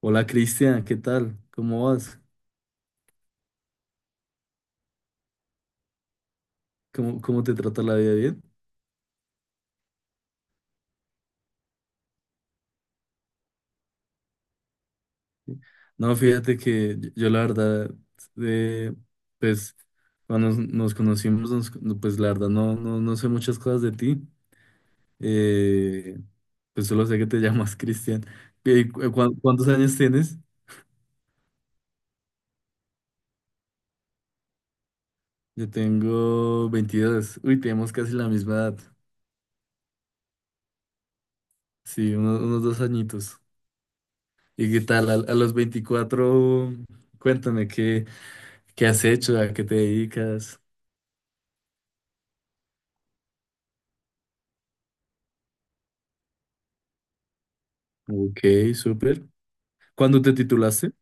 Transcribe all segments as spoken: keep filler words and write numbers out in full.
Hola Cristian, ¿qué tal? ¿Cómo vas? ¿Cómo, cómo te trata la vida, bien? No, fíjate que yo, yo la verdad, eh, pues cuando nos, nos conocimos, nos- no, pues la verdad no, no, no sé muchas cosas de ti. Eh, pues solo sé que te llamas Cristian. Eh, cu- cu- ¿Cuántos años tienes? Yo tengo veintidós. Uy, tenemos casi la misma edad. Sí, unos, unos dos añitos. ¿Y qué tal? A, a los veinticuatro, cuéntame, ¿qué, qué has hecho? ¿A qué te dedicas? Ok, súper. ¿Cuándo te titulaste?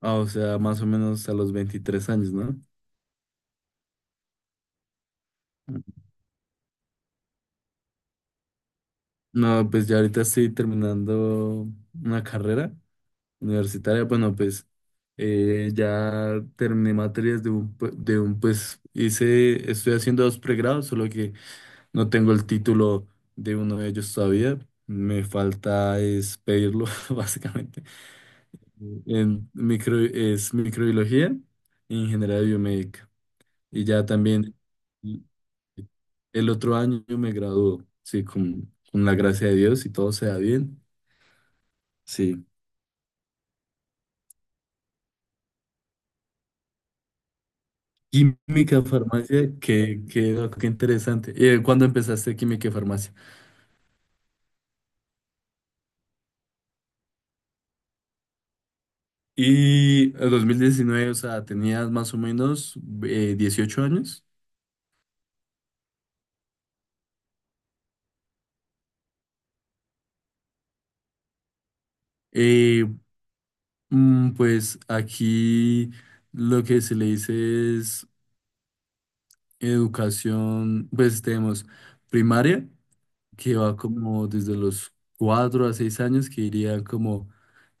Ah, o sea, más o menos a los veintitrés años, ¿no? No, pues ya ahorita estoy terminando una carrera universitaria. Bueno, pues eh, ya terminé materias de un, pu- de un, pues hice, estoy haciendo dos pregrados, solo que no tengo el título de uno de ellos todavía. Me falta es pedirlo, básicamente. En micro, es microbiología e ingeniería biomédica. Y ya también el otro año me graduó, sí, con, con la gracia de Dios y todo se da bien, sí. Química, farmacia, qué, qué, no, qué interesante. Eh, ¿cuándo empezaste química y farmacia? Y el dos mil diecinueve, o sea, tenías más o menos eh, dieciocho años. Eh, mm, pues aquí lo que se le dice es educación, pues tenemos primaria, que va como desde los cuatro a seis años, que iría como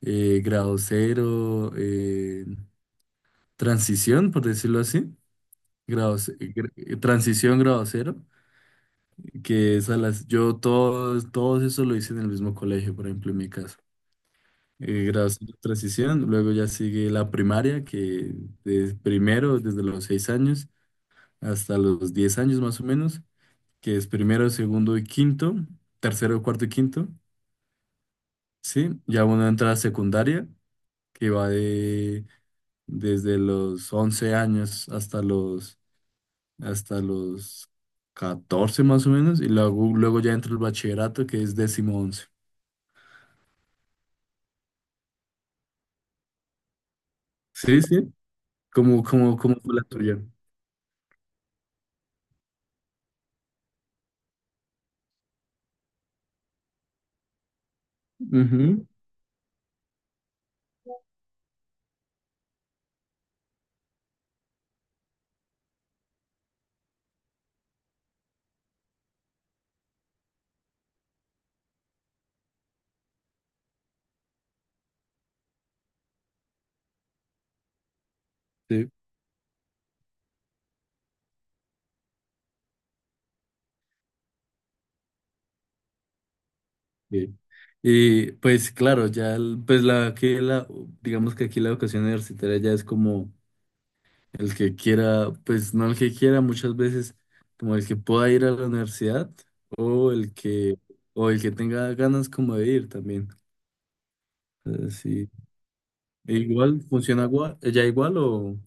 eh, grado cero, eh, transición, por decirlo así, grado, ce- gr- eh, transición, grado cero, que es a las, yo todos, todos eso lo hice en el mismo colegio, por ejemplo, en mi caso. Eh, grado cero, transición, luego ya sigue la primaria, que es primero desde los seis años hasta los diez años más o menos, que es primero, segundo y quinto, tercero, cuarto y quinto. Sí, ya uno entra a la secundaria, que va de desde los once años hasta los hasta los catorce más o menos, y luego, luego ya entra el bachillerato, que es décimo once. Sí, sí, como, como, como fue la tuya. Ujú, sí, sí. Y pues claro, ya el- pues la que la digamos que aquí la educación universitaria ya es como el que quiera, pues no, el que quiera, muchas veces como el que pueda ir a la universidad, o el que o el que tenga ganas como de ir también. Eh, Sí. E igual funciona gua- ya igual o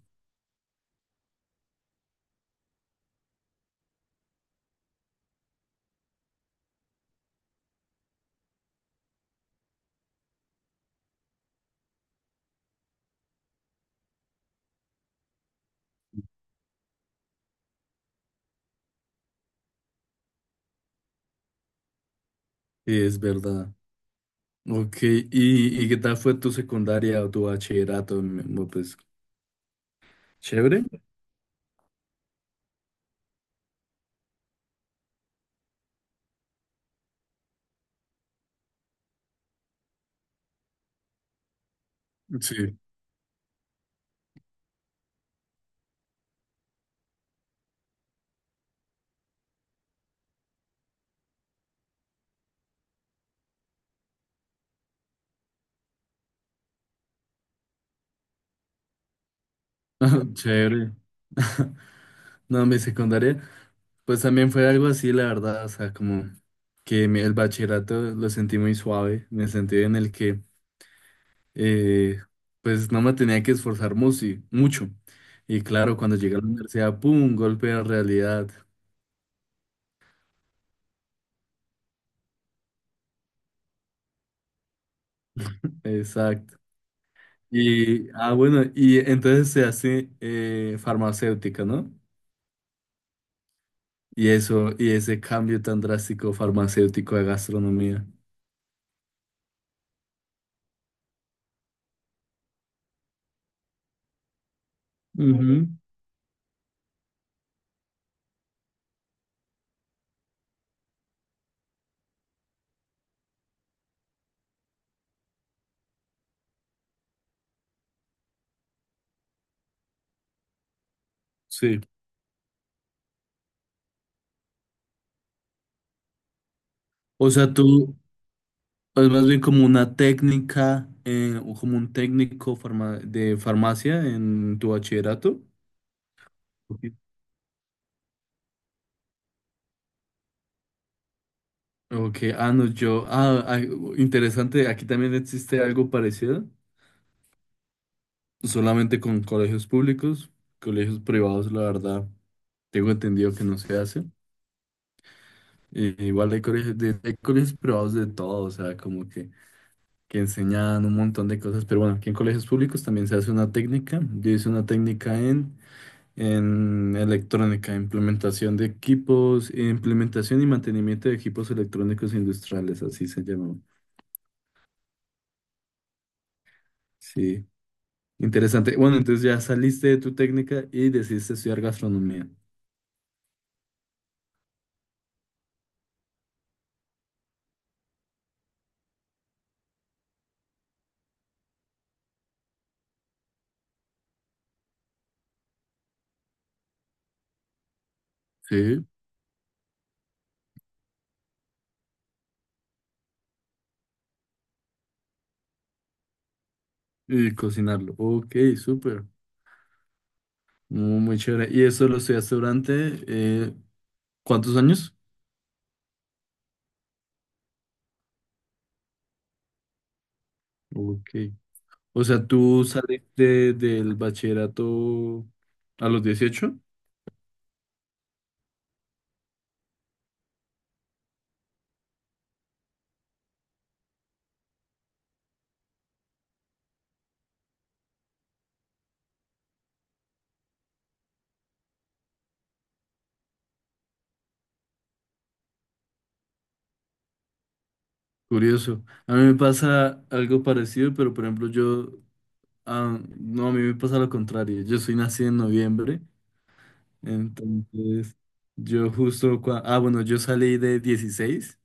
sí, es verdad. Ok, ¿y, y qué tal fue tu secundaria o tu bachillerato, mi amor? Pues chévere. Sí, chévere. No, mi secundaria, pues también fue algo así, la verdad, o sea, como que mi- el bachillerato lo sentí muy suave, en el sentido en el que eh, pues no me tenía que esforzar musi- mucho. Y claro, cuando llegué a la universidad, ¡pum! Golpe de realidad. Exacto. Y, ah, bueno, y entonces se hace eh, farmacéutica, ¿no? Y eso, y ese cambio tan drástico, farmacéutico a gastronomía. Ujú, sí. O sea, tú, es más bien como una técnica, eh, o como un técnico farma- de farmacia en tu bachillerato. Ok, ah, no, yo, ah, ah, interesante, aquí también existe algo parecido, solamente con colegios públicos. Colegios privados, la verdad, tengo entendido que no se hace. Y igual hay colegios, de, hay colegios privados de todo, o sea, como que, que, enseñan un montón de cosas, pero bueno, aquí en colegios públicos también se hace una técnica. Yo hice una técnica en, en electrónica, implementación de equipos, implementación y mantenimiento de equipos electrónicos industriales, así se llama. Sí. Interesante. Bueno, entonces ya saliste de tu técnica y decidiste estudiar gastronomía. Sí. Y cocinarlo. Ok, súper. Muy, muy chévere. ¿Y eso lo estudiaste durante eh, cuántos años? Ok. O sea, tú saliste del bachillerato a los dieciocho. Curioso. A mí me pasa algo parecido, pero por ejemplo, yo, ah, no, a mí me pasa lo contrario. Yo soy nacido en noviembre, entonces yo justo, cua- ah, bueno, yo salí de dieciséis.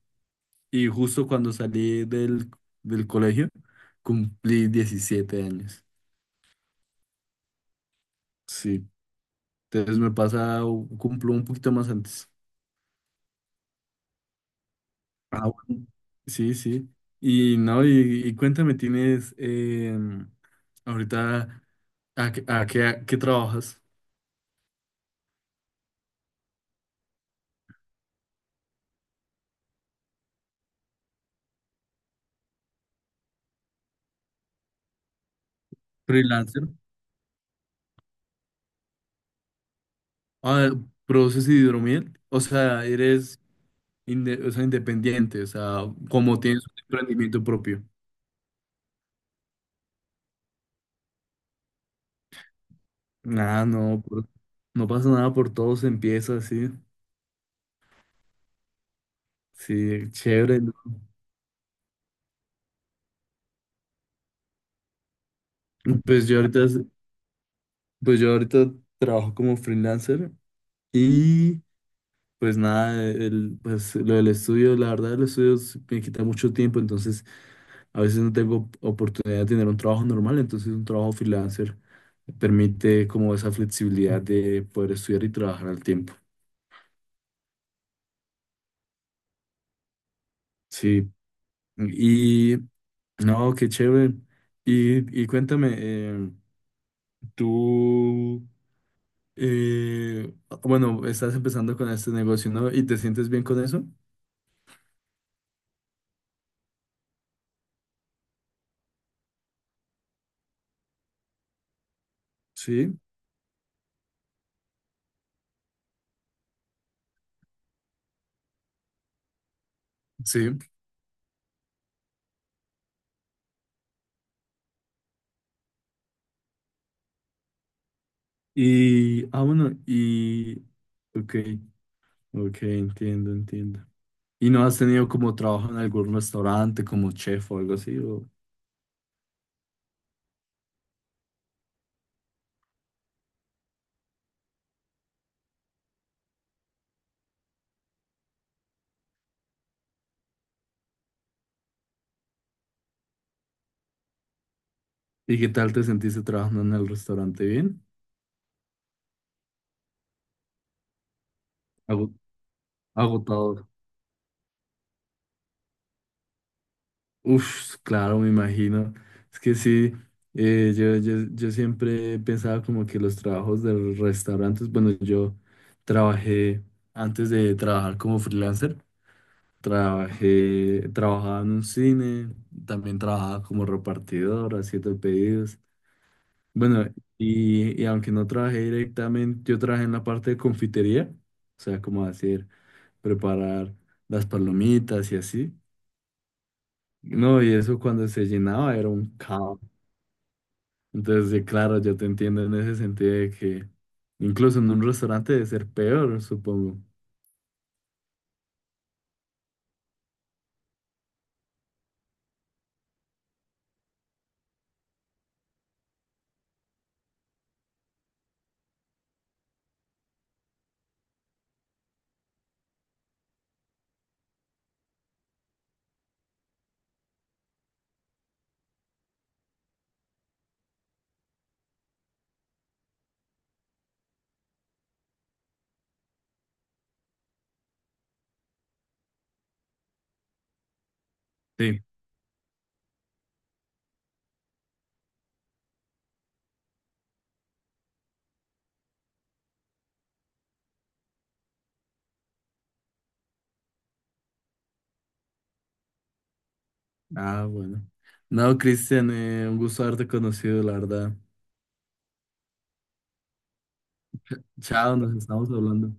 Y justo cuando salí del, del colegio, cumplí diecisiete años. Sí, entonces me pasa, u- cumplo un poquito más antes. Ah, bueno. Sí, sí. Y no, y, y cuéntame, ¿tienes em, ahorita a, qué, a qué- a qué trabajas? Freelancer. Ah, ¿produces hidromiel? O sea, eres inde- o sea, independiente, o sea, como tienes un emprendimiento propio. Nada, no, por- no pasa nada, por todo se empieza así. Sí, chévere, ¿no? Pues yo ahorita, pues yo ahorita trabajo como freelancer, y pues nada, el, pues lo del estudio, la verdad, el estudio s- me quita mucho tiempo. Entonces a veces no tengo oportunidad de tener un trabajo normal, entonces un trabajo freelancer me permite como esa flexibilidad de poder estudiar y trabajar al tiempo. Sí, y no, qué chévere. Y, y cuéntame, eh, tú... Eh, bueno, estás empezando con este negocio, ¿no? ¿Y te sientes bien con eso? Sí, sí. Y, ah, bueno, y, ok, ok, entiendo, entiendo. ¿Y no has tenido como trabajo en algún restaurante, como chef o algo así? O... ¿Y qué tal te sentiste trabajando en el restaurante? ¿Bien? Ago- Agotador. Uf, claro, me imagino. Es que sí, eh, yo, yo, yo siempre pensaba como que los trabajos de los restaurantes, bueno, yo trabajé, antes de trabajar como freelancer, trabajé, trabajaba en un cine, también trabajaba como repartidor, haciendo pedidos. Bueno, y, y aunque no trabajé directamente, yo trabajé en la parte de confitería, o sea, como hacer, preparar las palomitas y así. No, y eso cuando se llenaba era un caos. Entonces, sí, claro, yo te entiendo en ese sentido de que incluso en un restaurante debe ser peor, supongo. Sí. Ah, bueno. No, Cristian, eh, un gusto haberte conocido, la verdad. Chao, nos estamos hablando.